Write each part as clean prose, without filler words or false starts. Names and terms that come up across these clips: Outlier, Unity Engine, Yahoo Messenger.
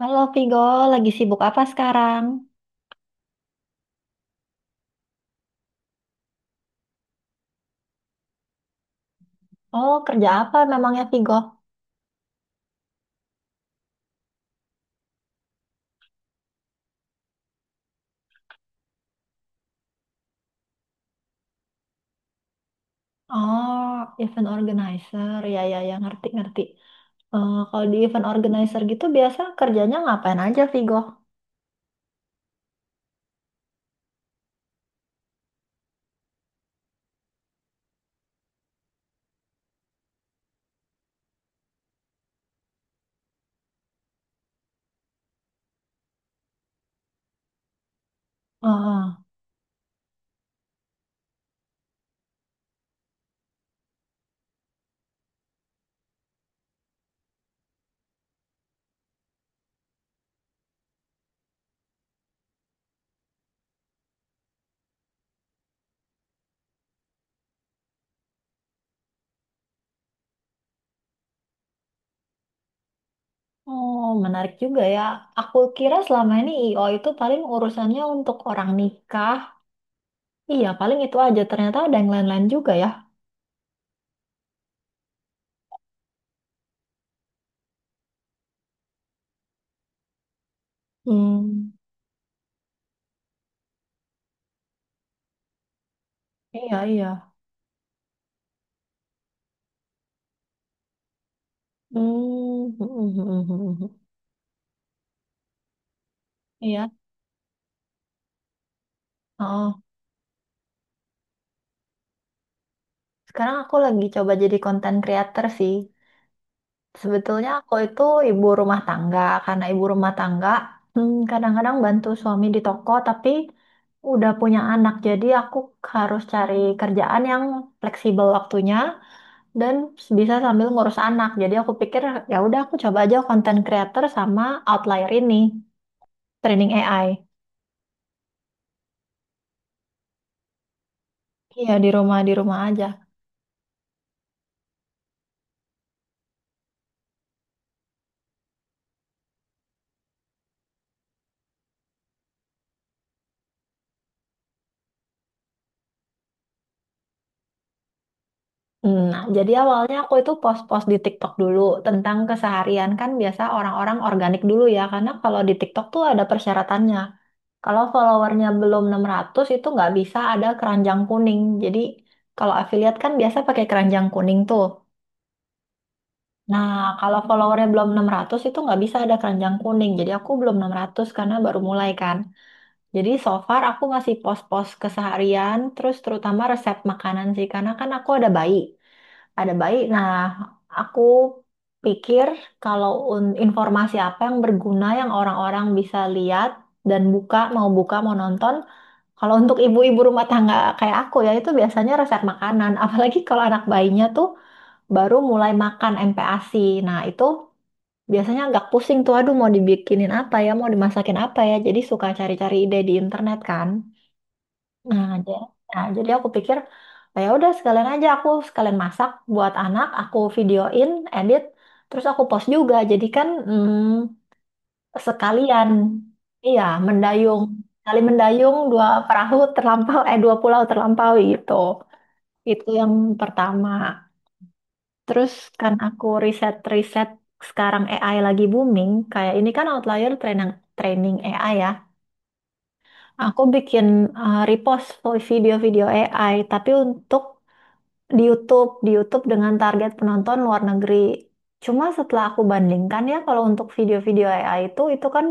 Halo Vigo, lagi sibuk apa sekarang? Oh, kerja apa memangnya Vigo? Oh, event organizer, ya ya ya ngerti ngerti. Eh, kalau di event organizer gitu biasa kerjanya ngapain aja Vigo? Ah. Oh menarik juga ya. Aku kira selama ini IO itu paling urusannya untuk orang nikah. Iya, paling itu aja. Ternyata ada yang lain-lain juga ya. Hmm, iya iya. Hmm, iya. Oh, sekarang aku lagi coba jadi konten creator sih. Sebetulnya aku itu ibu rumah tangga, karena ibu rumah tangga kadang-kadang bantu suami di toko, tapi udah punya anak, jadi aku harus cari kerjaan yang fleksibel waktunya dan bisa sambil ngurus anak. Jadi aku pikir ya udah aku coba aja content creator sama outlier ini, training AI. Iya di rumah aja. Hmm. Nah, jadi awalnya aku itu post-post di TikTok dulu tentang keseharian kan biasa orang-orang organik dulu ya, karena kalau di TikTok tuh ada persyaratannya. Kalau followernya belum 600 itu nggak bisa ada keranjang kuning. Jadi kalau affiliate kan biasa pakai keranjang kuning tuh. Nah, kalau followernya belum 600 itu nggak bisa ada keranjang kuning. Jadi aku belum 600 karena baru mulai kan. Jadi so far aku ngasih post-post keseharian, terus terutama resep makanan sih. Karena kan aku ada bayi ada bayi. Nah, aku pikir kalau informasi apa yang berguna yang orang-orang bisa lihat dan buka, mau nonton, kalau untuk ibu-ibu rumah tangga kayak aku ya itu biasanya resep makanan. Apalagi kalau anak bayinya tuh baru mulai makan MPASI. Nah, itu biasanya agak pusing tuh, aduh mau dibikinin apa ya, mau dimasakin apa ya. Jadi suka cari-cari ide di internet kan. Nah, ja- nah, jadi aku pikir, "Ah, ya udah sekalian aja aku sekalian masak buat anak, aku videoin, edit, terus aku post juga. Jadi kan sekalian, iya mendayung, kali mendayung dua perahu terlampau, eh dua pulau terlampaui gitu. Itu yang pertama. Terus kan aku riset-riset sekarang AI lagi booming, kayak ini kan Outlier training training AI ya. Aku bikin repost video-video AI, tapi untuk di YouTube, dengan target penonton luar negeri. Cuma setelah aku bandingkan ya, kalau untuk video-video AI itu, kan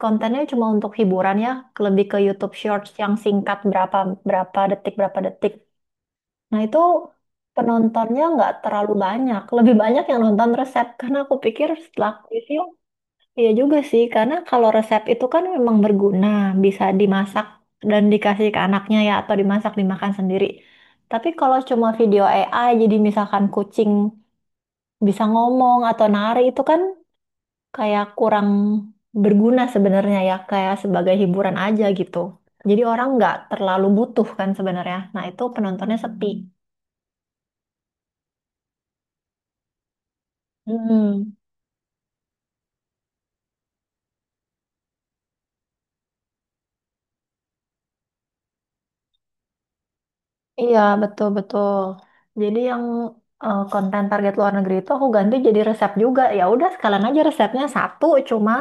kontennya cuma untuk hiburan ya, lebih ke YouTube Shorts yang singkat berapa berapa detik berapa detik. Nah itu penontonnya nggak terlalu banyak, lebih banyak yang nonton resep karena aku pikir setelah aku review. Iya juga sih, karena kalau resep itu kan memang berguna, bisa dimasak dan dikasih ke anaknya ya, atau dimasak dimakan sendiri. Tapi kalau cuma video AI, jadi misalkan kucing bisa ngomong atau nari itu kan kayak kurang berguna sebenarnya ya, kayak sebagai hiburan aja gitu. Jadi orang nggak terlalu butuh kan sebenarnya. Nah itu penontonnya sepi. Hmm. Iya, betul-betul. Jadi yang eh, konten target luar negeri itu aku ganti jadi resep juga. Ya udah sekalian aja resepnya satu cuma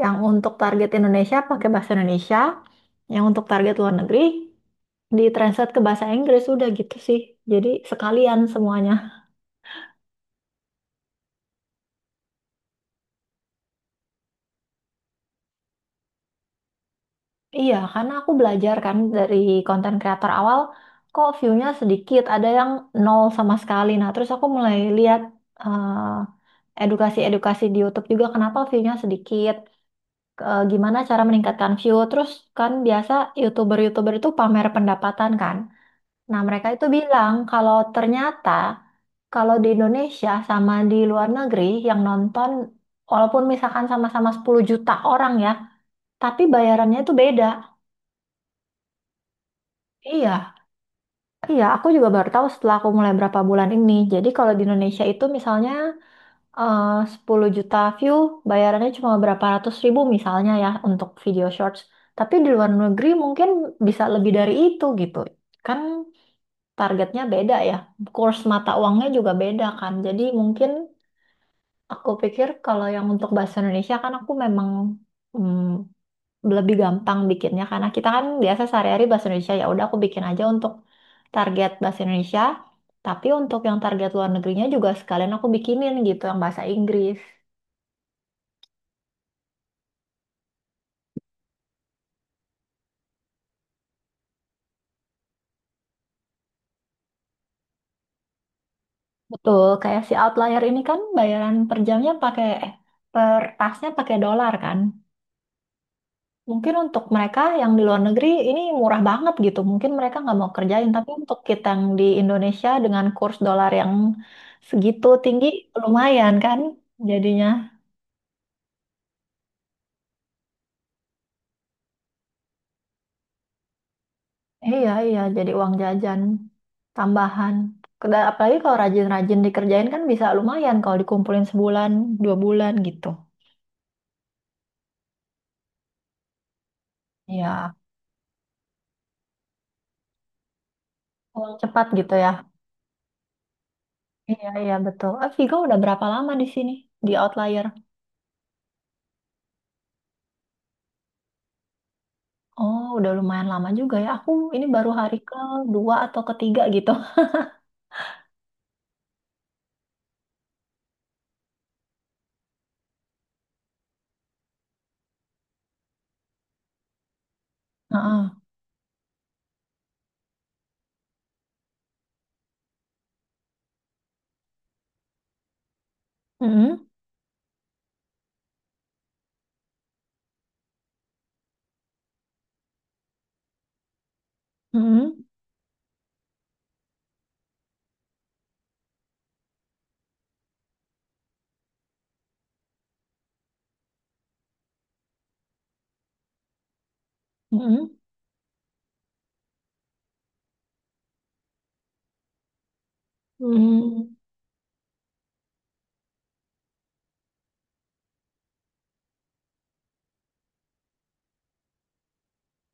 yang untuk target Indonesia pakai bahasa Indonesia, yang untuk target luar negeri ditranslate ke bahasa Inggris udah gitu sih. Jadi sekalian semuanya. Iya, karena aku belajar kan dari konten kreator awal kok view-nya sedikit, ada yang nol sama sekali. Nah, terus aku mulai lihat edukasi-edukasi di YouTube juga kenapa view-nya sedikit. Gimana cara meningkatkan view. Terus kan biasa YouTuber-YouTuber itu pamer pendapatan kan. Nah, mereka itu bilang kalau ternyata kalau di Indonesia sama di luar negeri yang nonton walaupun misalkan sama-sama 10 juta orang ya, tapi bayarannya itu beda. Iya, iya, aku juga baru tahu setelah aku mulai berapa bulan ini. Jadi kalau di Indonesia itu misalnya eh 10 juta view, bayarannya cuma berapa ratus ribu misalnya ya untuk video shorts. Tapi di luar negeri mungkin bisa lebih dari itu gitu. Kan targetnya beda ya. Kurs mata uangnya juga beda kan. Jadi mungkin aku pikir kalau yang untuk bahasa Indonesia kan aku memang mm, lebih gampang bikinnya karena kita kan biasa sehari-hari bahasa Indonesia ya udah aku bikin aja untuk target bahasa Indonesia. Tapi untuk yang target luar negerinya juga sekalian aku bikinin gitu yang bahasa Inggris. Betul, kayak si outlier ini kan bayaran per jamnya pakai eh, per tasnya pakai dolar kan. Mungkin untuk mereka yang di luar negeri ini murah banget gitu. Mungkin mereka nggak mau kerjain, tapi untuk kita yang di Indonesia dengan kurs dolar yang segitu tinggi lumayan kan jadinya. Iya, iya, jadi uang jajan tambahan. Apalagi kalau rajin-rajin dikerjain kan bisa lumayan kalau dikumpulin sebulan, dua bulan gitu. Iya, uang cepat gitu ya. Iya, iya, betul. Eh, Vigo udah berapa lama di sini? Di Outlier? Oh, udah lumayan lama juga ya. Aku ini baru hari kedua atau ketiga gitu. Heeh. Mm-mm, mm-mm, mm-mm, mm.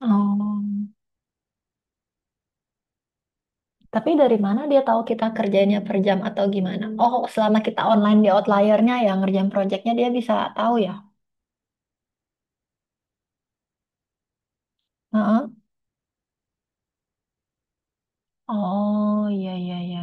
Oh. Tapi dari mana dia tahu kita kerjanya per jam atau gimana? Oh, selama kita online di Outlier-nya ya, ngerjain project-nya dia bisa tahu ya? Heeh. Oh, iya, iya, iya.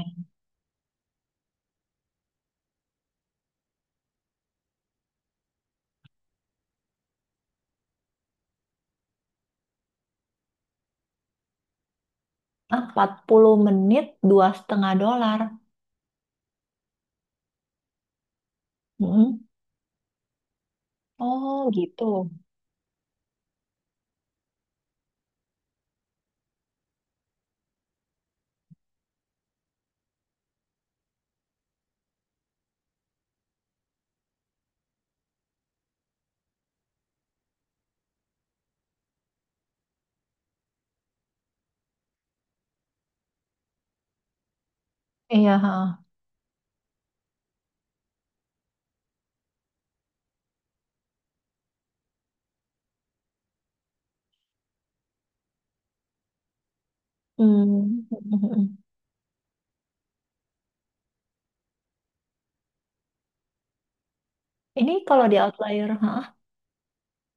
Ah, 40 menit, 2,5 dolar. Mm-mm. Oh, gitu. Iya, ha. Hmm. Ini kalau di outlier, hah?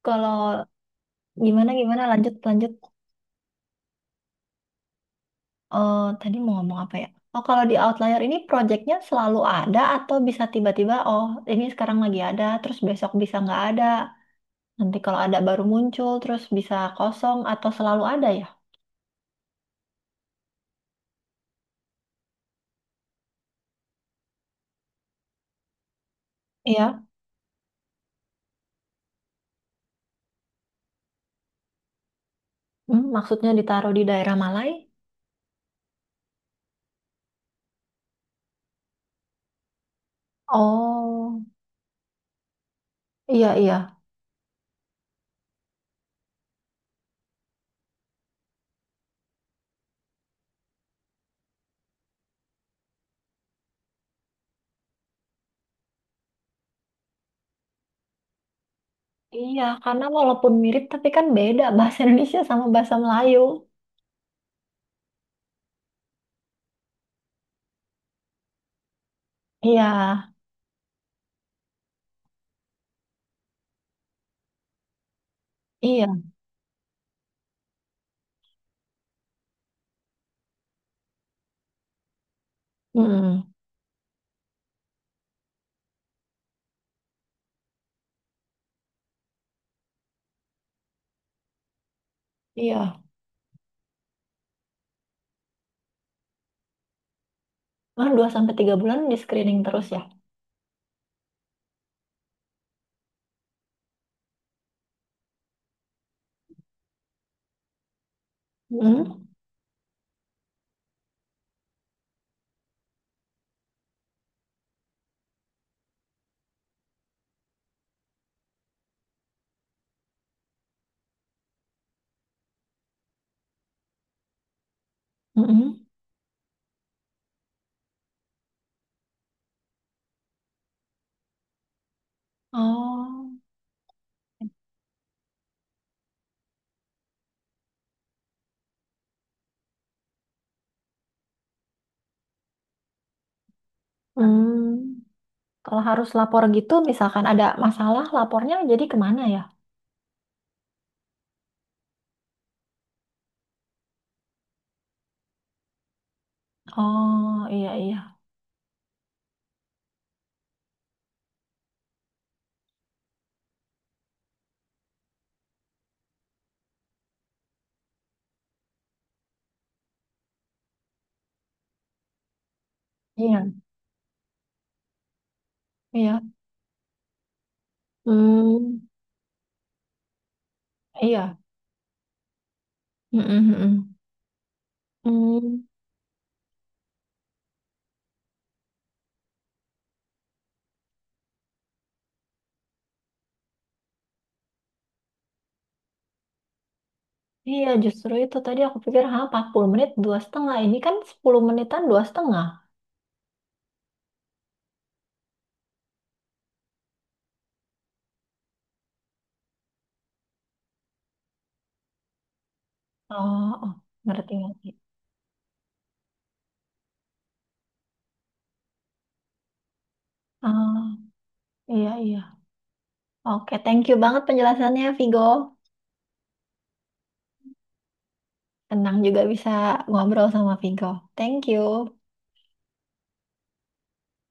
Kalau gimana gimana lanjut lanjut. Eh, tadi mau ngomong apa ya? Oh, kalau di outlier ini projectnya selalu ada atau bisa tiba-tiba, oh ini sekarang lagi ada, terus besok bisa nggak ada. Nanti kalau ada baru muncul, terus bisa kosong atau selalu ada ya? Iya. Hmm, maksudnya ditaruh di daerah Malai? Oh, iya iya. Iya, karena walaupun mirip tapi kan beda bahasa Indonesia sama bahasa Melayu. Iya, iya. Mm-mm. Iya. Kan 2 sampai 3 bulan di screening terus ya. Hmm. Mm-mm. Oh. Hmm. Kalau harus lapor gitu, misalkan ada masalah, lapornya jadi kemana ya? Oh, iya, iya. Iya. Iya. Hmm. Iya. Mm-mm, mm-mm. Hmm. Iya, justru itu tadi aku pikir, ha, 40 menit, 2,5. Ini kan 10 menitan, 2,5. Oh, oh, ngerti, ngerti. Oh, iya, iya. Oke, thank you banget penjelasannya, Vigo. Tenang juga bisa ngobrol sama Vigo. Thank you.